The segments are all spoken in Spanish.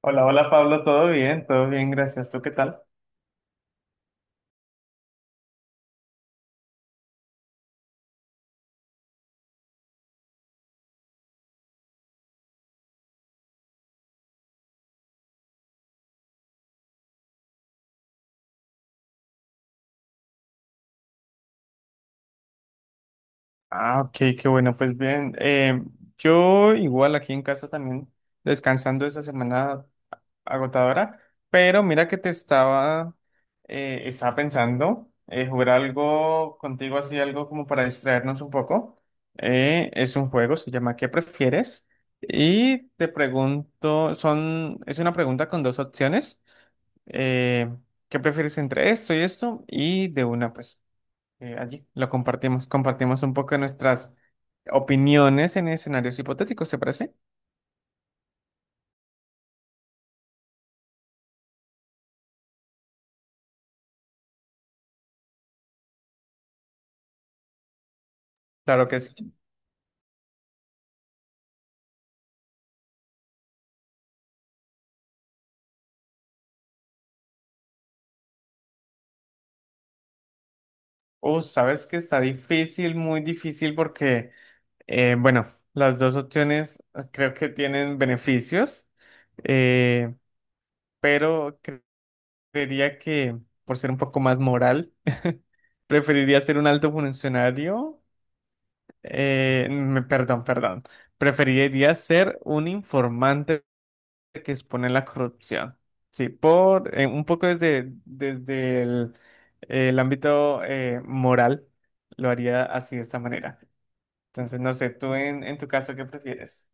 Hola, hola Pablo, todo bien, gracias. ¿Tú qué tal? Ah, ok, qué bueno, pues bien. Yo igual aquí en casa también descansando esa semana agotadora, pero mira que estaba pensando jugar algo contigo así, algo como para distraernos un poco. Es un juego, se llama ¿Qué prefieres? Y te pregunto, es una pregunta con dos opciones. Eh, ¿Qué prefieres entre esto y esto? Y de una, pues. Allí lo compartimos un poco nuestras opiniones en escenarios hipotéticos, ¿se parece? Claro que sí. Sabes que está difícil, muy difícil porque, bueno, las dos opciones creo que tienen beneficios, eh, pero creería que por ser un poco más moral, preferiría ser un alto funcionario, perdón, perdón, preferiría ser un informante que expone la corrupción. Sí, por un poco desde el ámbito moral, lo haría así de esta manera. Entonces, no sé, tú en tu caso, ¿qué prefieres?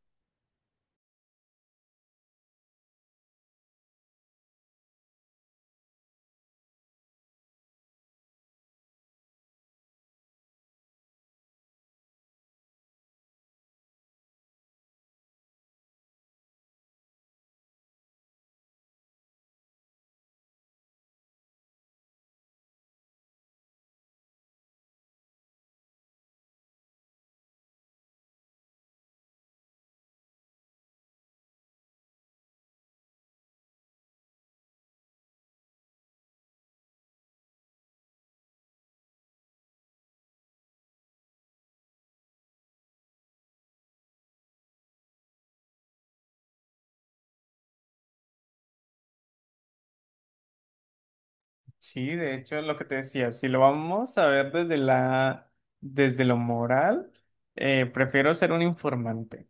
Sí, de hecho, lo que te decía, si lo vamos a ver desde lo moral, prefiero ser un informante.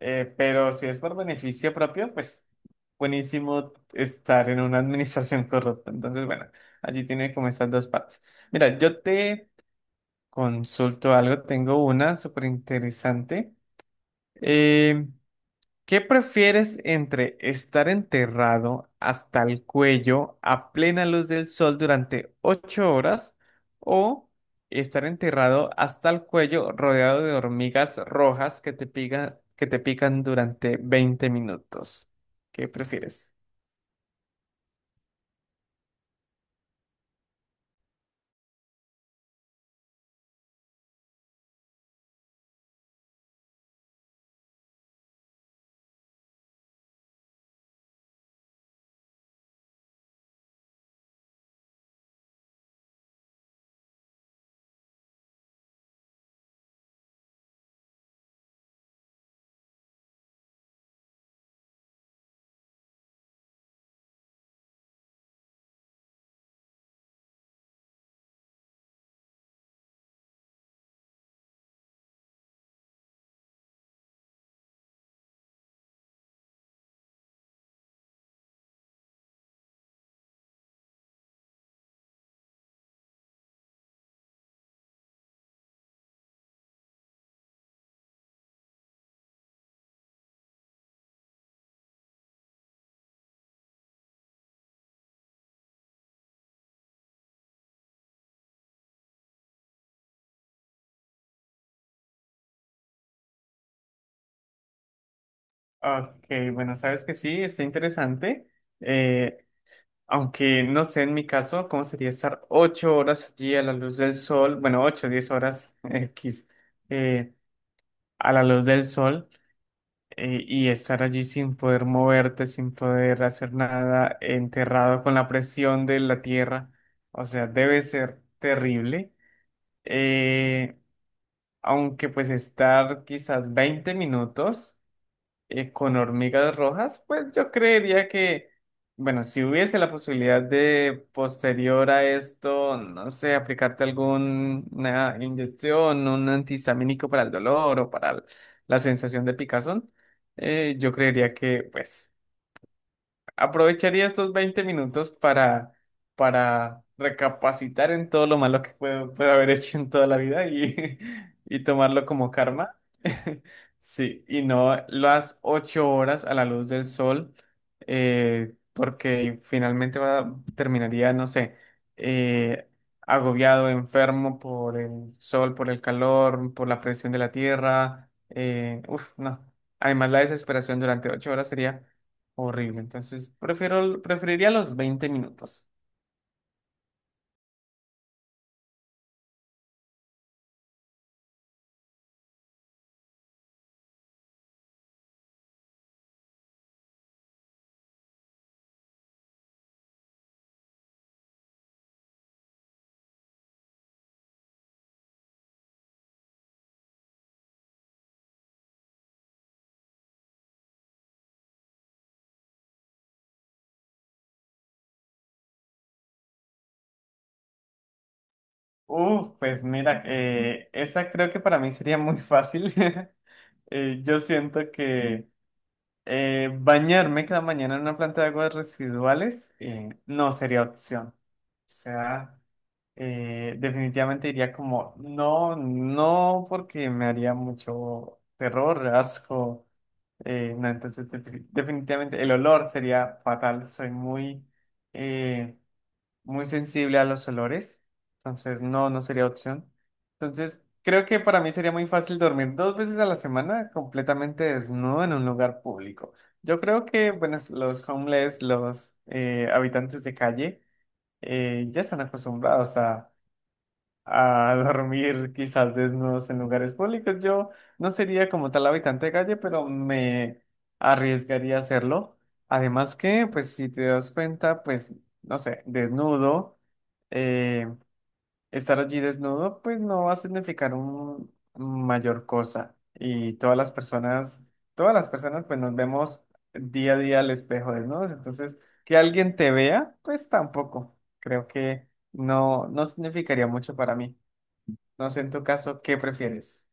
Pero si es por beneficio propio, pues buenísimo estar en una administración corrupta. Entonces, bueno, allí tiene como esas dos partes. Mira, yo te consulto algo, tengo una súper interesante. Eh, ¿Qué prefieres entre estar enterrado hasta el cuello a plena luz del sol durante 8 horas o estar enterrado hasta el cuello rodeado de hormigas rojas que te pican durante 20 minutos? ¿Qué prefieres? Ok, bueno, sabes que sí, está interesante. Eh, Aunque no sé en mi caso cómo sería estar 8 horas allí a la luz del sol, bueno, ocho, 10 horas X eh, a la luz del sol y estar allí sin poder moverte, sin poder hacer nada, enterrado con la presión de la tierra. O sea, debe ser terrible. Eh, Aunque pues estar quizás 20 minutos con hormigas rojas, pues yo creería que, bueno, si hubiese la posibilidad de posterior a esto, no sé, aplicarte alguna inyección, un antihistamínico para el dolor o para la sensación de picazón, yo creería que, pues, aprovecharía estos 20 minutos para recapacitar en todo lo malo que puedo haber hecho en toda la vida y, y tomarlo como karma. Sí, y no las 8 horas a la luz del sol, porque finalmente terminaría, no sé, eh, agobiado, enfermo por el sol, por el calor, por la presión de la tierra. Uf, no. Además, la desesperación durante 8 horas sería horrible, entonces preferiría los 20 minutos. Uf, pues mira, esa creo que para mí sería muy fácil. Yo siento que bañarme cada mañana en una planta de aguas residuales no sería opción. O sea, definitivamente diría como, no, no, porque me haría mucho terror, asco. No, entonces definitivamente el olor sería fatal. Soy eh, muy sensible a los olores, entonces no, no sería opción. Entonces, creo que para mí sería muy fácil dormir dos veces a la semana completamente desnudo en un lugar público. Yo creo que, bueno, los habitantes de calle, ya están acostumbrados a dormir quizás desnudos en lugares públicos. Yo no sería como tal habitante de calle, pero me arriesgaría a hacerlo. Además que, pues si te das cuenta, pues, no sé, desnudo, eh, estar allí desnudo, pues no va a significar un mayor cosa. Y todas las personas, pues nos vemos día a día al espejo desnudos. Entonces, que alguien te vea, pues tampoco. Creo que no, no significaría mucho para mí. No sé en tu caso, ¿qué prefieres?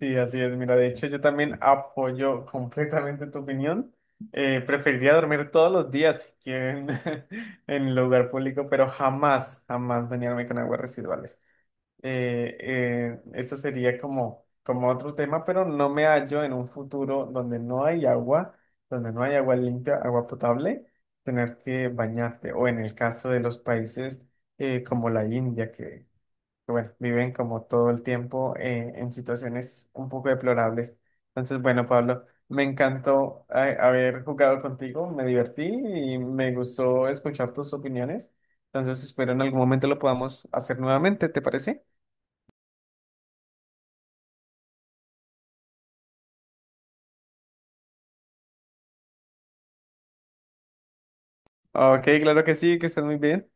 Sí, así es. Mira, de hecho, yo también apoyo completamente tu opinión. Preferiría dormir todos los días, si quieren, en el lugar público, pero jamás, jamás bañarme con aguas residuales. Eso sería como, como otro tema, pero no me hallo en un futuro donde no hay agua, donde no hay agua limpia, agua potable, tener que bañarte. O en el caso de los países como la India, que, bueno, viven como todo el tiempo en situaciones un poco deplorables. Entonces, bueno, Pablo, me encantó haber jugado contigo, me divertí y me gustó escuchar tus opiniones. Entonces, espero en algún momento lo podamos hacer nuevamente, ¿te parece? Ok, claro que sí, que estés muy bien.